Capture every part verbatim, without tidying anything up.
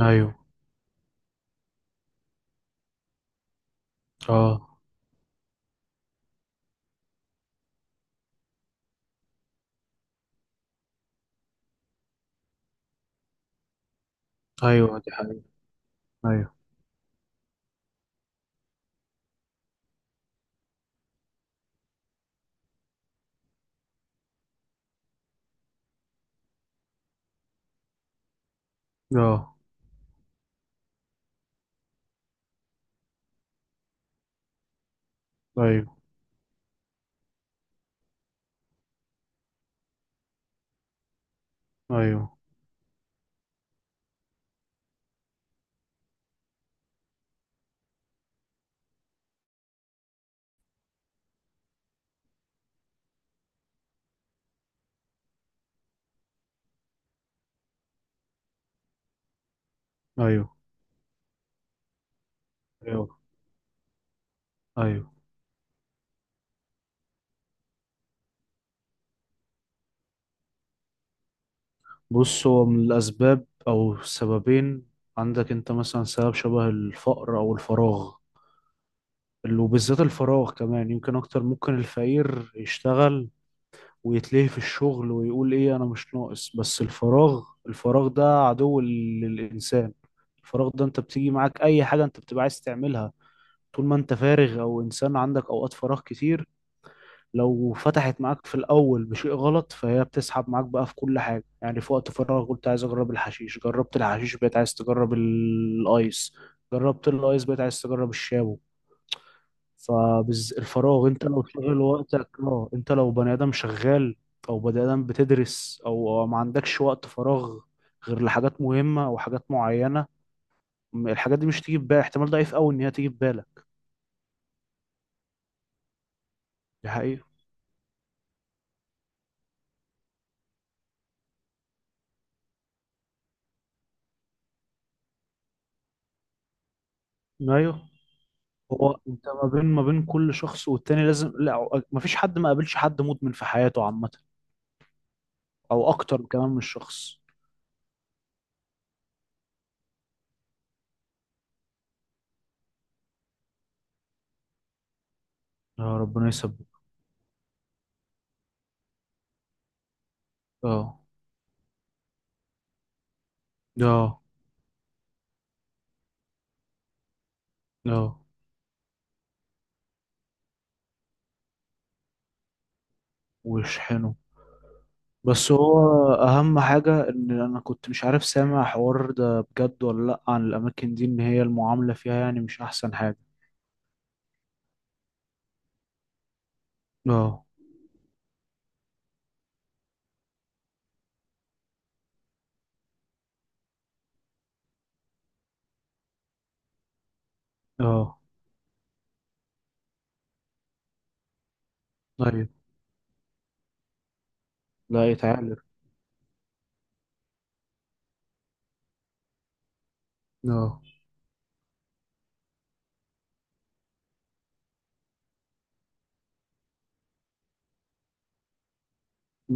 ايوه. اه. ايوه، دي حقيقة. ايوه. اه. ايوه. ايوه. ايوه. ايوه. ايوه. بص، هو من الاسباب او السببين عندك انت مثلا، سبب شبه الفقر او الفراغ، اللي- وبالذات الفراغ، كمان يمكن اكتر. ممكن الفقير يشتغل ويتلهي في الشغل ويقول ايه، انا مش ناقص، بس الفراغ الفراغ ده عدو للانسان. الفراغ ده، انت بتيجي معاك اي حاجة انت بتبقى عايز تعملها طول ما انت فارغ، او انسان عندك اوقات فراغ كتير. لو فتحت معاك في الأول بشيء غلط، فهي بتسحب معاك بقى في كل حاجة. يعني في وقت فراغ قلت عايز أجرب الحشيش، جربت الحشيش بقيت عايز تجرب ال- الأيس، جربت الأيس بقيت عايز تجرب الشابو. فالفراغ، أنت لو شغال وقتك، اه، أنت لو بني آدم شغال أو بني آدم بتدرس أو ما عندكش وقت فراغ غير لحاجات مهمة أو حاجات معينة، الحاجات دي مش تيجي في بالك. احتمال ضعيف أوي إن هي تيجي في بالك. دي حقيقة. أيوه. هو انت ما بين ما بين كل شخص والتاني لازم، لا، ما فيش حد ما قابلش حد مدمن في حياته عامة، او اكتر كمان من شخص. يا ربنا يثبت. اه. اه. اه. ويشحنه. بس هو اهم حاجة ان انا كنت مش عارف، سامع حوار ده بجد ولا لا، عن الاماكن دي، ان هي المعاملة فيها يعني مش احسن حاجة. اه. اه. طيب. لا يتعالج. اه.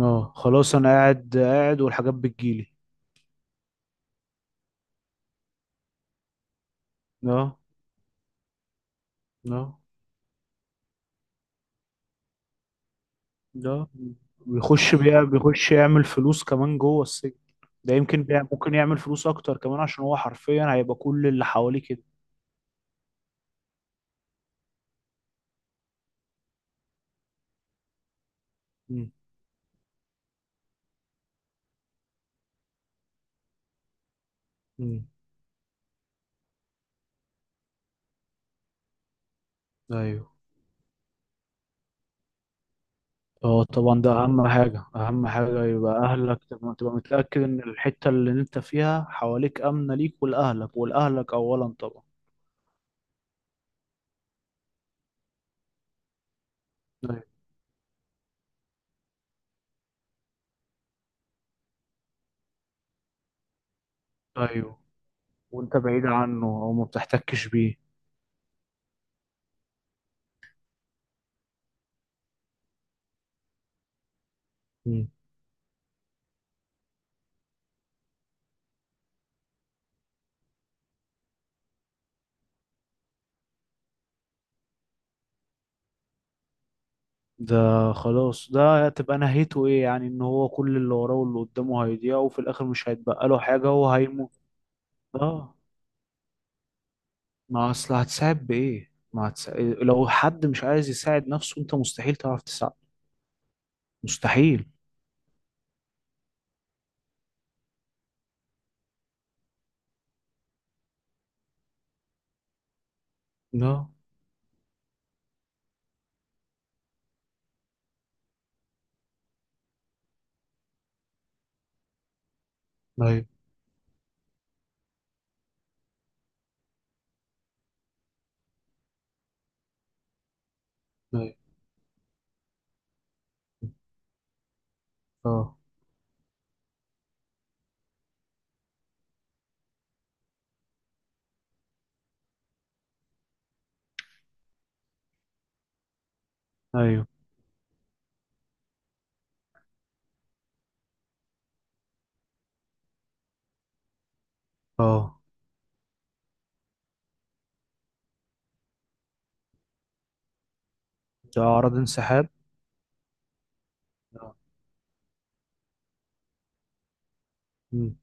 اه خلاص، انا قاعد قاعد والحاجات بتجيلي. اه. اه. ده بيخش بيع، بيخش يعمل فلوس كمان جوه السجن. ده يمكن بيع ممكن يعمل فلوس اكتر كمان، عشان هو حرفيا هيبقى كل اللي حواليه كده. مم. مم. ايوه. اه طبعا، ده اهم حاجة. اهم حاجة يبقى اهلك تبقى تبقى متأكد ان الحتة اللي انت فيها حواليك امنة ليك ولاهلك ولاهلك اولا طبعا. ايوه. أيوة. وانت بعيد عنه او ما بتحتكش بيه. مم. ده خلاص، ده تبقى نهايته ايه؟ يعني ان هو كل اللي وراه واللي قدامه هيضيع، وفي الاخر مش هيتبقى له حاجة وهيموت. اه. ما اصل هتساعد بايه؟ ما هتساعد لو حد مش عايز يساعد نفسه، انت مستحيل تعرف تساعد. مستحيل. لا. ايوه. ايوه. اه. ايوه. اه، ده اعراض انسحاب. اه. مم.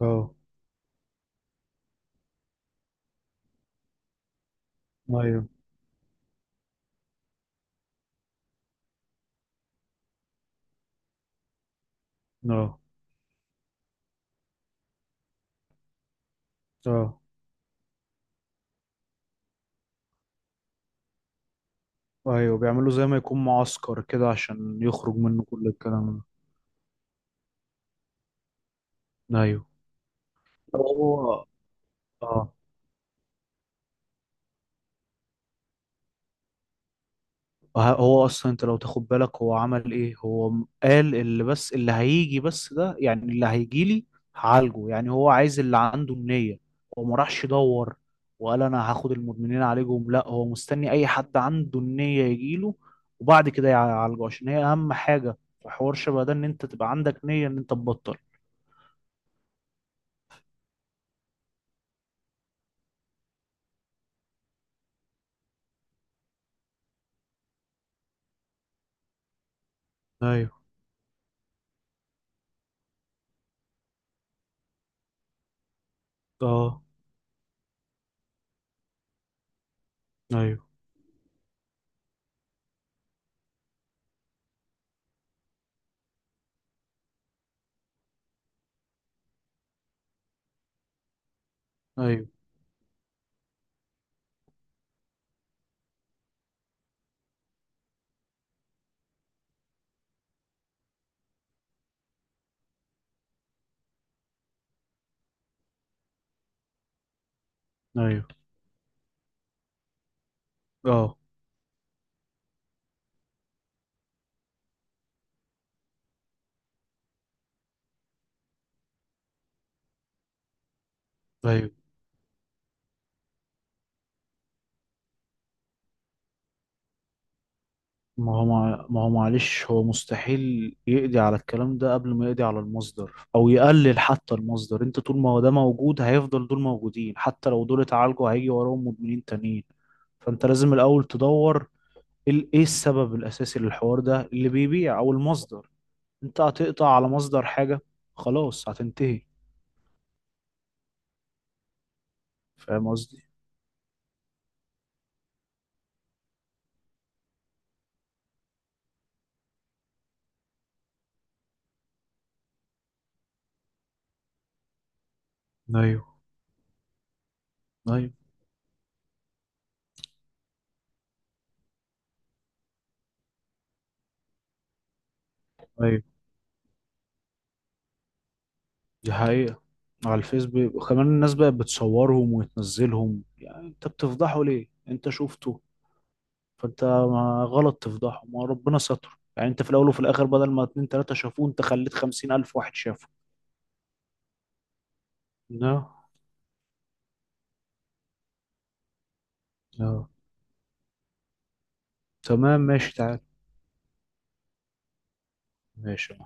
اه. ايوه. اه. اه. ايوه، بيعملوا زي ما يكون معسكر كده عشان يخرج منه كل الكلام. ده ايوه. هو، اه، وه- هو اصلا انت لو تاخد بالك هو عمل ايه، هو م- قال اللي، بس اللي هيجي، بس ده يعني اللي هيجي لي هعالجه. يعني هو عايز اللي عنده النية. هو ما راحش يدور وقال انا هاخد المدمنين عليهم، لا، هو مستني اي حد عنده النية يجي له وبعد كده يعالجه، عشان هي اهم حاجة في حوار شبه ده، ان انت تبقى عندك نية ان انت تبطل. ايوه. اه. ايوه. ايوه. ايوه. اه. ايوه. ما هو مع... ما هو معلش، هو مستحيل يقضي على الكلام ده قبل ما يقضي على المصدر او يقلل حتى المصدر. انت طول ما هو ده موجود، هيفضل دول موجودين. حتى لو دول اتعالجوا، هيجي وراهم مدمنين تانيين. فانت لازم الاول تدور ال- ايه السبب الاساسي للحوار ده، اللي بيبيع او المصدر. انت هتقطع على مصدر حاجة، خلاص هتنتهي. فاهم قصدي؟ ايوه. ايوه. ايوه، دي حقيقة. على الفيس بي- وكمان الناس بقت بتصورهم وتنزلهم. يعني انت بتفضحه ليه؟ انت شفته فانت ما غلط تفضحهم، ما ربنا ستر. يعني انت في الاول وفي الاخر، بدل ما اتنين تلاتة شافوه، انت خليت خمسين الف واحد شافه. لا. لا. تمام، ماشي، تعال. ماشي